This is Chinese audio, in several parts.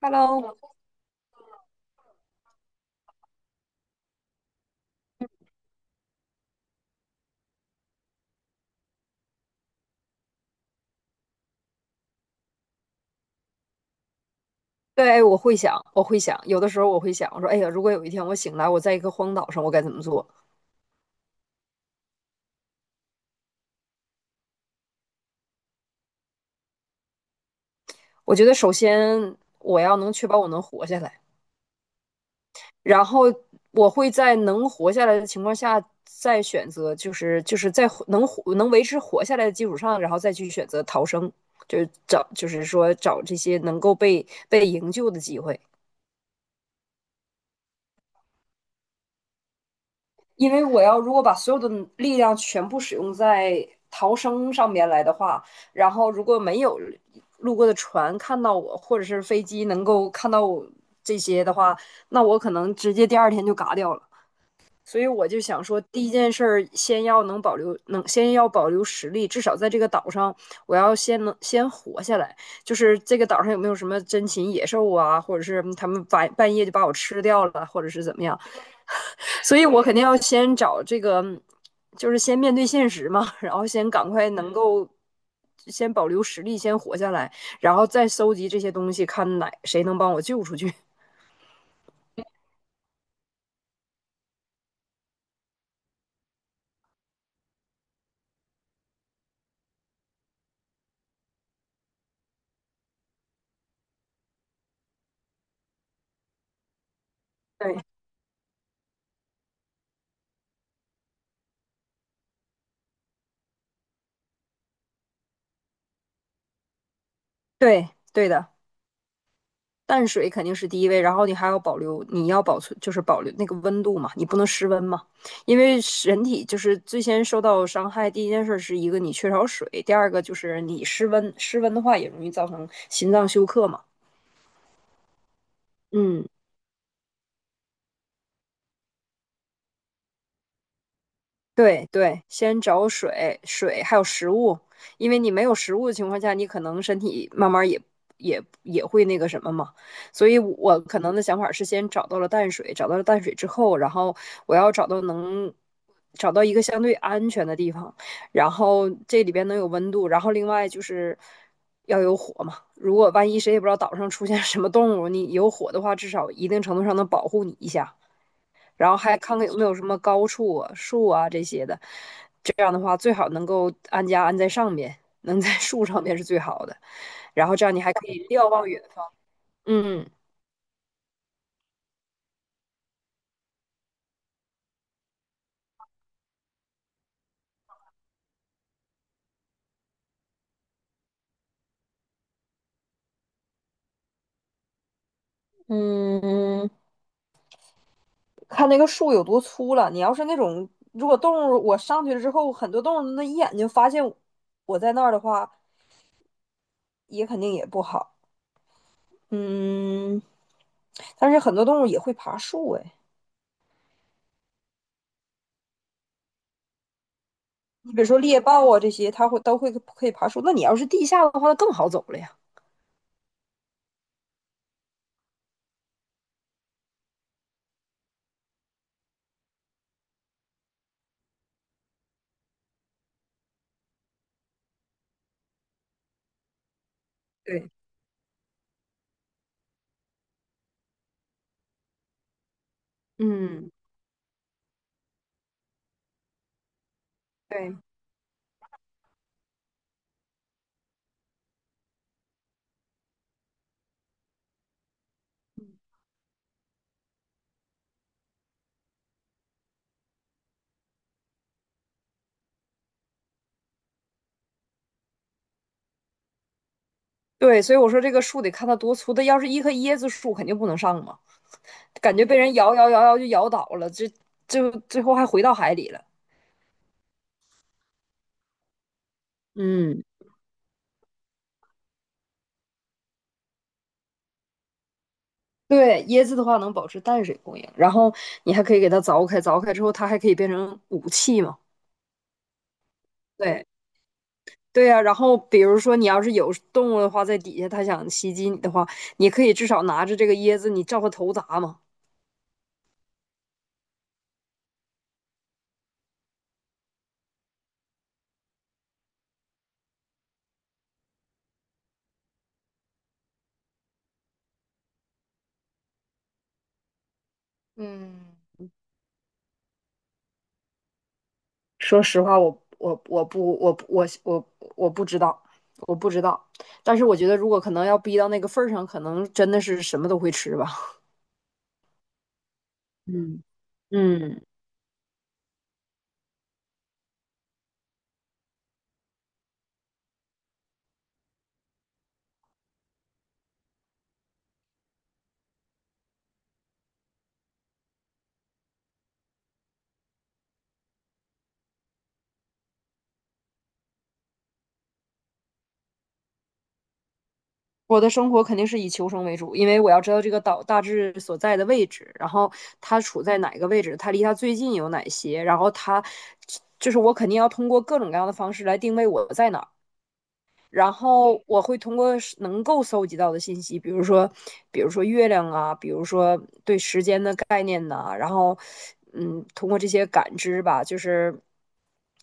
Hello。对，我会想，有的时候我会想，我说，哎呀，如果有一天我醒来，我在一个荒岛上，我该怎么做？我觉得首先我要能确保我能活下来，然后我会在能活下来的情况下，再选择，就是在活能活能维持活下来的基础上，然后再去选择逃生，就是找，就是说找这些能够被营救的机会。因为我要如果把所有的力量全部使用在逃生上面来的话，然后如果没有路过的船看到我，或者是飞机能够看到我这些的话，那我可能直接第二天就嘎掉了。所以我就想说，第一件事儿先要能保留，能先要保留实力，至少在这个岛上，我要先能先活下来。就是这个岛上有没有什么珍禽野兽啊，或者是他们半夜就把我吃掉了，或者是怎么样？所以我肯定要先找这个，就是先面对现实嘛，然后先赶快能够先保留实力，先活下来，然后再搜集这些东西，看哪谁能帮我救出去 对对,对的，淡水肯定是第一位，然后你还要保留，你要保存就是保留那个温度嘛，你不能失温嘛，因为人体就是最先受到伤害，第一件事是一个你缺少水，第二个就是你失温，失温的话也容易造成心脏休克嘛。嗯，对对，先找水还有食物，因为你没有食物的情况下，你可能身体慢慢也会那个什么嘛。所以我可能的想法是，先找到了淡水，找到了淡水之后，然后我要找到一个相对安全的地方，然后这里边能有温度，然后另外就是要有火嘛。如果万一谁也不知道岛上出现什么动物，你有火的话，至少一定程度上能保护你一下。然后还看看有没有什么高处啊、树啊这些的。这样的话，最好能够安在上面，能在树上面是最好的。然后这样你还可以瞭望远方。嗯嗯，看那个树有多粗了。你要是那种，如果动物我上去了之后，很多动物那一眼就发现我在那儿的话，也肯定也不好。嗯，但是很多动物也会爬树哎，你比如说猎豹啊这些，它都会可以爬树。那你要是地下的话，那更好走了呀。对，嗯，对对，所以我说这个树得看它多粗，它要是一棵椰子树，肯定不能上嘛，感觉被人摇就摇倒了，这就最后还回到海里了。嗯，对，椰子的话能保持淡水供应，然后你还可以给它凿开，凿开之后它还可以变成武器嘛。对对呀、然后比如说你要是有动物的话，在底下它想袭击你的话，你可以至少拿着这个椰子，你照它头砸嘛。嗯，说实话，我我不知道，我不知道。但是我觉得，如果可能要逼到那个份儿上，可能真的是什么都会吃吧。嗯嗯，我的生活肯定是以求生为主，因为我要知道这个岛大致所在的位置，然后它处在哪个位置，它离它最近有哪些，然后它就是我肯定要通过各种各样的方式来定位我在哪儿。然后我会通过能够搜集到的信息，比如说月亮啊，比如说对时间的概念呐、然后，嗯，通过这些感知吧，就是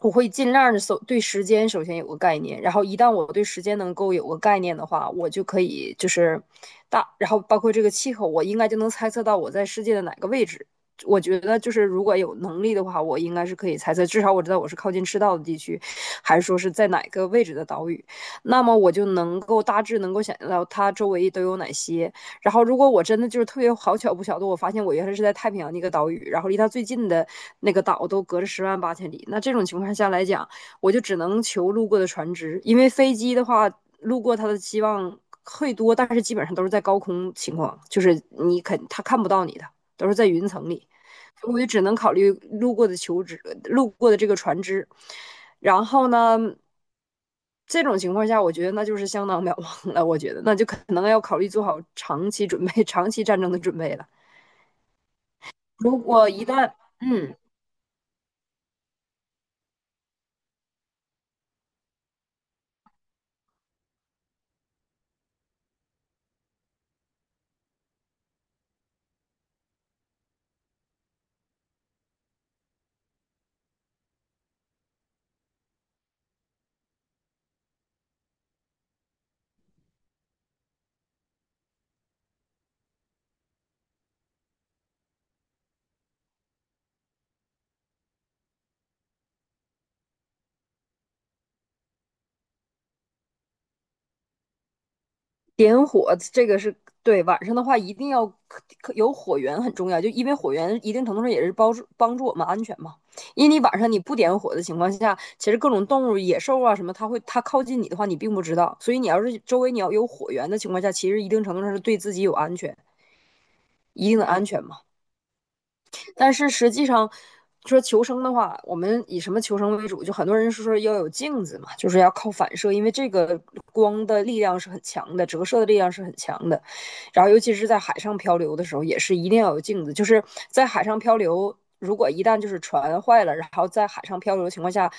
我会尽量的搜对时间首先有个概念，然后一旦我对时间能够有个概念的话，我就可以就是大，然后包括这个气候，我应该就能猜测到我在世界的哪个位置。我觉得就是如果有能力的话，我应该是可以猜测，至少我知道我是靠近赤道的地区，还是说是在哪个位置的岛屿。那么我就能够大致能够想象到它周围都有哪些。然后，如果我真的就是特别好巧不巧的，我发现我原来是在太平洋的一个岛屿，然后离它最近的那个岛都隔着十万八千里，那这种情况下来讲，我就只能求路过的船只，因为飞机的话，路过它的希望会多，但是基本上都是在高空情况，就是你肯他看不到你的，都是在云层里。我就只能考虑路过的求职，路过的这个船只。然后呢，这种情况下，我觉得那就是相当渺茫了。我觉得那就可能要考虑做好长期准备、长期战争的准备了。如果一旦，嗯，点火这个是对晚上的话，一定要有火源很重要，就因为火源一定程度上也是帮助我们安全嘛。因为你晚上你不点火的情况下，其实各种动物、野兽啊什么，它会它靠近你的话，你并不知道。所以你要是周围你要有火源的情况下，其实一定程度上是对自己有安全，一定的安全嘛。但是实际上，说求生的话，我们以什么求生为主？就很多人是说要有镜子嘛，就是要靠反射，因为这个光的力量是很强的，折射的力量是很强的。然后，尤其是在海上漂流的时候，也是一定要有镜子。就是在海上漂流，如果一旦就是船坏了，然后在海上漂流的情况下，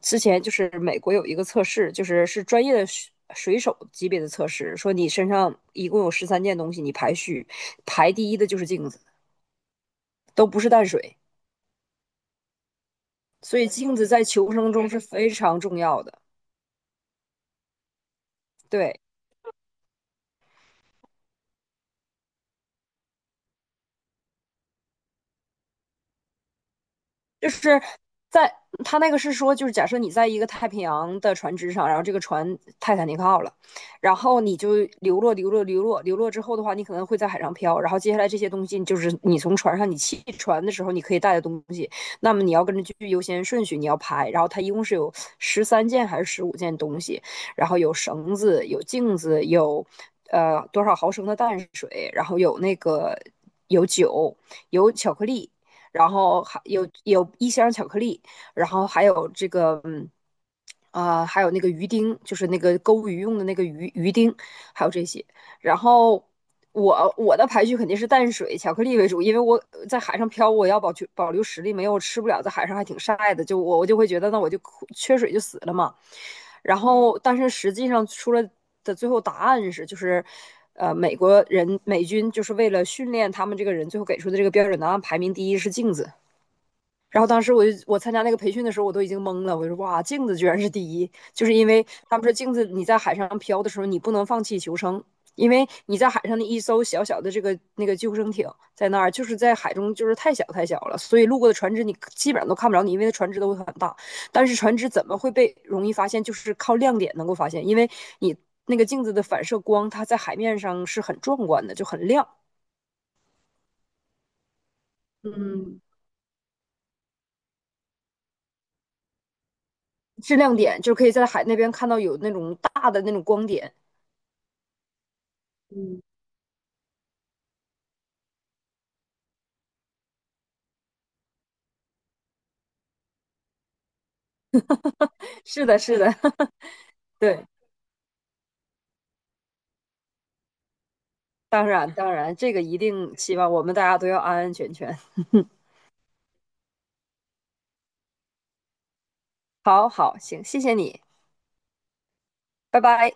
之前就是美国有一个测试，就是专业的水手级别的测试，说你身上一共有十三件东西，你排序排第一的就是镜子，都不是淡水。所以镜子在求生中是非常重要的。对，就是在他那个是说，就是假设你在一个太平洋的船只上，然后这个船泰坦尼克号了，然后你就流落之后的话，你可能会在海上漂，然后接下来这些东西就是你从船上你弃船的时候你可以带的东西，那么你要跟着去优先顺序你要排，然后它一共是有十三件还是15件东西，然后有绳子，有镜子，有多少毫升的淡水，然后有那个有酒，有巧克力。然后有一箱巧克力，然后还有还有那个鱼丁，就是那个钩鱼用的那个鱼丁，还有这些。然后我的排序肯定是淡水巧克力为主，因为我在海上漂，我要保留实力，没有吃不了，在海上还挺晒的，就我就会觉得那我就缺水就死了嘛。然后但是实际上出来的最后答案是就是。呃，美国人美军就是为了训练他们这个人，最后给出的这个标准答案排名第一是镜子，然后当时我参加那个培训的时候，我都已经懵了，我就说哇，镜子居然是第一，就是因为他们说镜子你在海上漂的时候，你不能放弃求生，因为你在海上的一艘小小的这个那个救生艇在那儿，就是在海中就是太小太小了，所以路过的船只你基本上都看不着你，因为船只都会很大，但是船只怎么会被容易发现，就是靠亮点能够发现，因为你那个镜子的反射光，它在海面上是很壮观的，就很亮。嗯，是亮点，就可以在海那边看到有那种大的那种光点，嗯，是的，是的，对，当然，当然，这个一定希望我们大家都要安安全全。好好，行，谢谢你，拜拜。